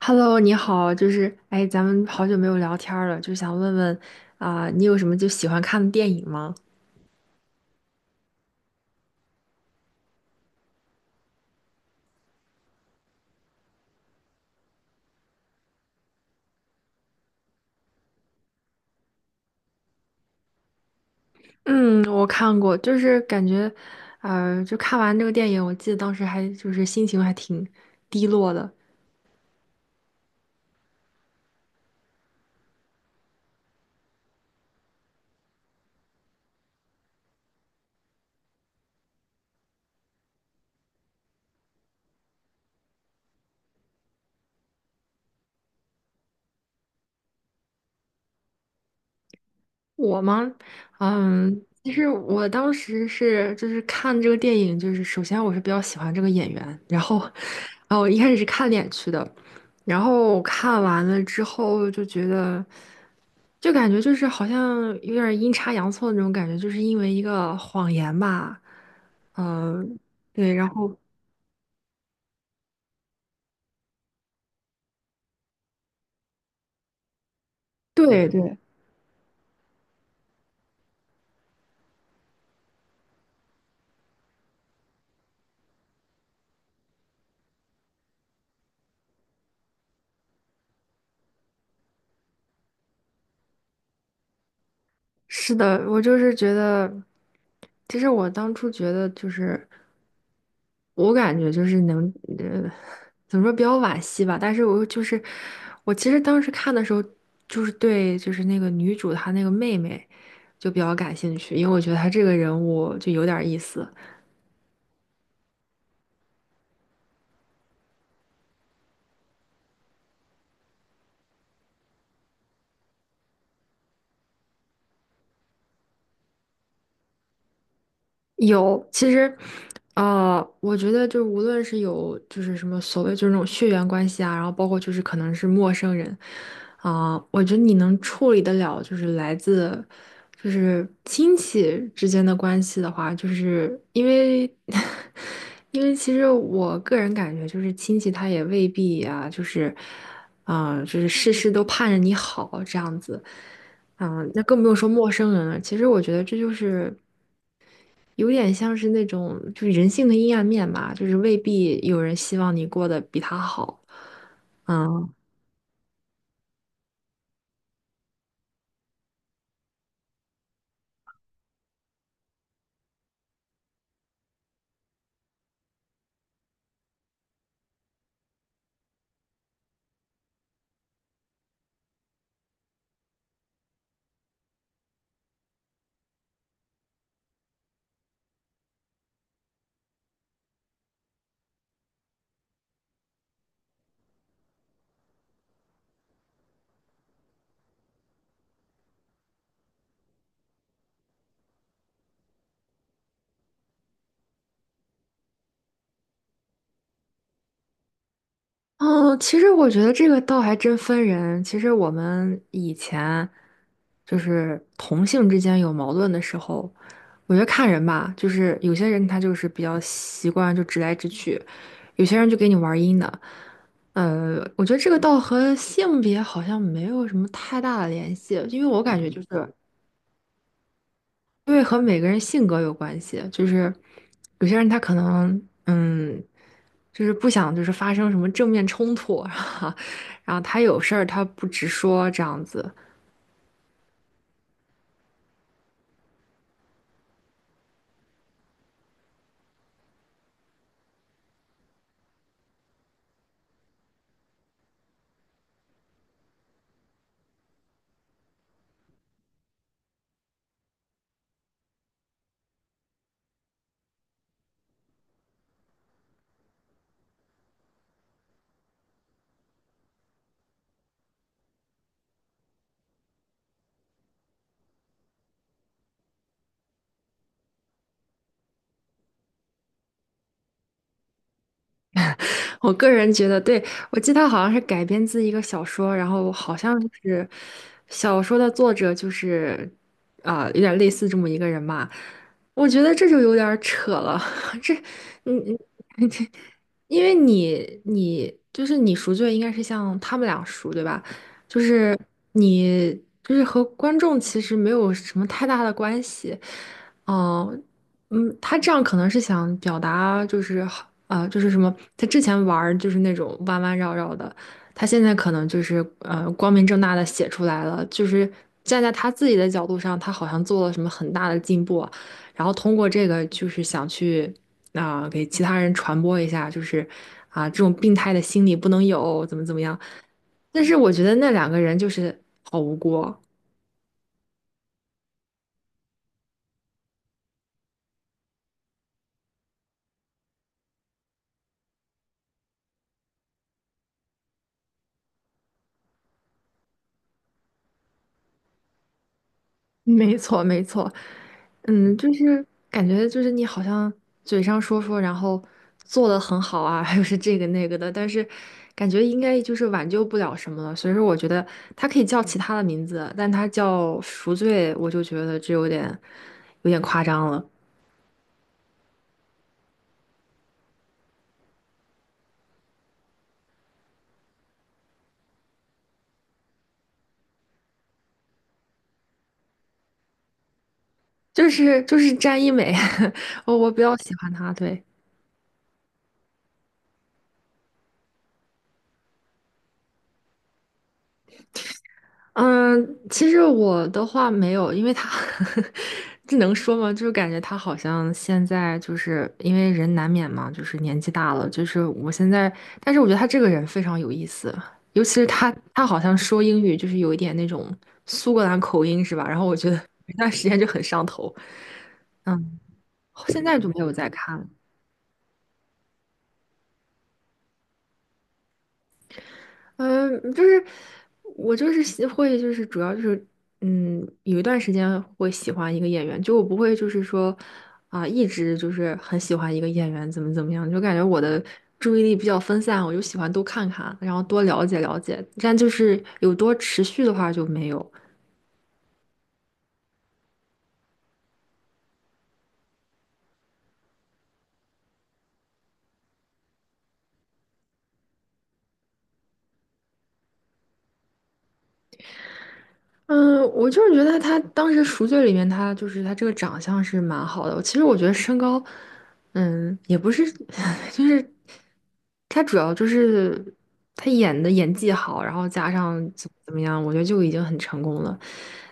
Hello，你好，就是哎，咱们好久没有聊天儿了，就想问问啊、你有什么就喜欢看的电影吗？嗯，我看过，就是感觉，就看完这个电影，我记得当时还就是心情还挺低落的。我吗？嗯，其实我当时是就是看这个电影，就是首先我是比较喜欢这个演员，然后，然后我一开始是看脸去的，然后看完了之后就觉得。就感觉就是好像有点阴差阳错的那种感觉，就是因为一个谎言吧，嗯、对，然后对对，是的，我就是觉得，其实我当初觉得就是，我感觉就是能，呃，怎么说比较惋惜吧，但是我就是，我其实当时看的时候，就是对，就是那个女主她那个妹妹就比较感兴趣，因为我觉得她这个人物就有点意思。有，其实，我觉得就是无论是有就是什么所谓就是那种血缘关系啊，然后包括就是可能是陌生人，啊、我觉得你能处理得了就是来自就是亲戚之间的关系的话，就是因为 因为其实我个人感觉就是亲戚他也未必啊，就是啊、就是事事都盼着你好这样子。嗯，那更不用说陌生人了。其实我觉得这就是有点像是那种就是人性的阴暗面吧，就是未必有人希望你过得比他好。嗯嗯，其实我觉得这个倒还真分人。其实我们以前就是同性之间有矛盾的时候，我觉得看人吧，就是有些人他就是比较习惯就直来直去，有些人就给你玩阴的。我觉得这个倒和性别好像没有什么太大的联系，因为我感觉就是。因为和每个人性格有关系，就是有些人他可能就是不想就是发生什么正面冲突啊，然后他有事儿他不直说这样子。我个人觉得，对，我记得他好像是改编自一个小说，然后好像是小说的作者就是啊、有点类似这么一个人嘛。我觉得这就有点儿扯了，这你因为你就是你赎罪，应该是像他们俩赎，对吧？就是你就是和观众其实没有什么太大的关系，嗯、嗯，他这样可能是想表达就是好就是什么，他之前玩儿就是那种弯弯绕绕的，他现在可能就是光明正大的写出来了，就是站在他自己的角度上，他好像做了什么很大的进步啊然后通过这个就是想去。啊、给其他人传播一下，就是啊、这种病态的心理不能有，怎么怎么样。但是我觉得那两个人就是好无辜，没错，没错，嗯，就是感觉就是你好像嘴上说说，然后做的很好啊，又是这个那个的，但是感觉应该就是挽救不了什么了。所以说，我觉得他可以叫其他的名字，但他叫赎罪，我就觉得这有点夸张了。就是詹一美，我比较喜欢他，对。嗯，其实我的话没有，因为他 这能说吗？就是感觉他好像现在就是因为人难免嘛，就是年纪大了，就是我现在，但是我觉得他这个人非常有意思，尤其是他，他好像说英语就是有一点那种苏格兰口音是吧？然后我觉得 那段时间就很上头，嗯，现在就没有再看了。嗯，就是我就是喜会就是主要就是有一段时间会喜欢一个演员，就我不会就是说啊、一直就是很喜欢一个演员怎么怎么样，就感觉我的注意力比较分散，我就喜欢多看看，然后多了解了解，但就是有多持续的话就没有。嗯，我就是觉得他当时赎罪里面，他就是他这个长相是蛮好的。我其实我觉得身高，也不是，就是他主要就是他演的演技好，然后加上怎么怎么样，我觉得就已经很成功了。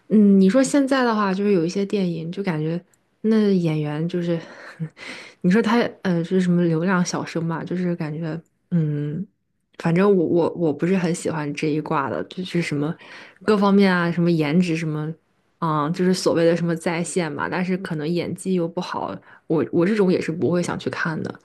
嗯，你说现在的话，就是有一些电影就感觉那演员就是，你说他就是什么流量小生嘛，就是感觉嗯。反正我不是很喜欢这一挂的，就是什么各方面啊，什么颜值什么，就是所谓的什么在线嘛，但是可能演技又不好，我这种也是不会想去看的。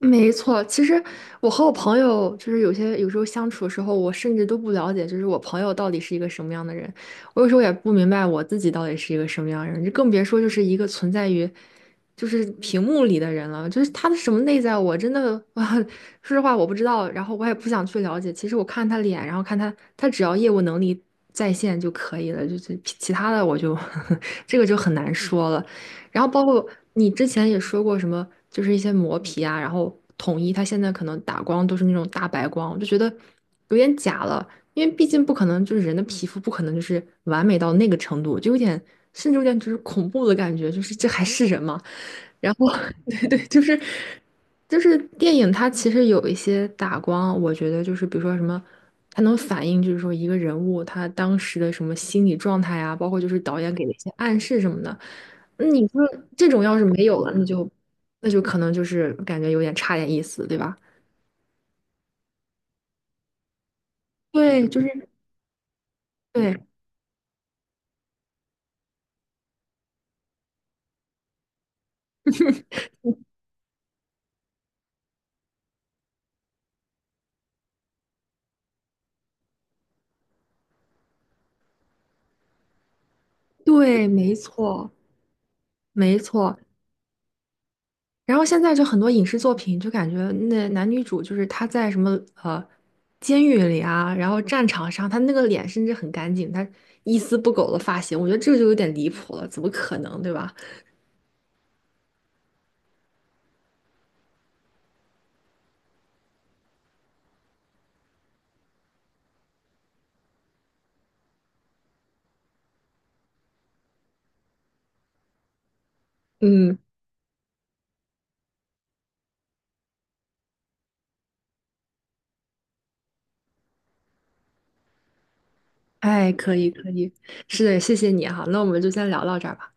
没错，其实我和我朋友就是有时候相处的时候，我甚至都不了解，就是我朋友到底是一个什么样的人。我有时候也不明白我自己到底是一个什么样的人，就更别说就是一个存在于就是屏幕里的人了。就是他的什么内在，我真的啊，说实话我不知道，然后我也不想去了解。其实我看他脸，然后看他只要业务能力在线就可以了，就是其他的我就 这个就很难说了。然后包括你之前也说过什么，就是一些磨皮啊，然后统一它现在可能打光都是那种大白光，我就觉得有点假了，因为毕竟不可能就是人的皮肤不可能就是完美到那个程度，就有点甚至有点就是恐怖的感觉，就是这还是人吗？然后 对对，就是电影它其实有一些打光，我觉得就是比如说什么。它能反映，就是说一个人物他当时的什么心理状态啊，包括就是导演给的一些暗示什么的。那你说这种要是没有了，那就可能就是感觉有点差点意思，对吧？对，就是对对，没错没错。然后现在就很多影视作品，就感觉那男女主就是他在什么呃监狱里啊，然后战场上，他那个脸甚至很干净，他一丝不苟的发型，我觉得这就有点离谱了，怎么可能，对吧？嗯，哎，可以可以，是的，谢谢你哈，那我们就先聊到这儿吧。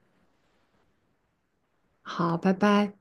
好，拜拜。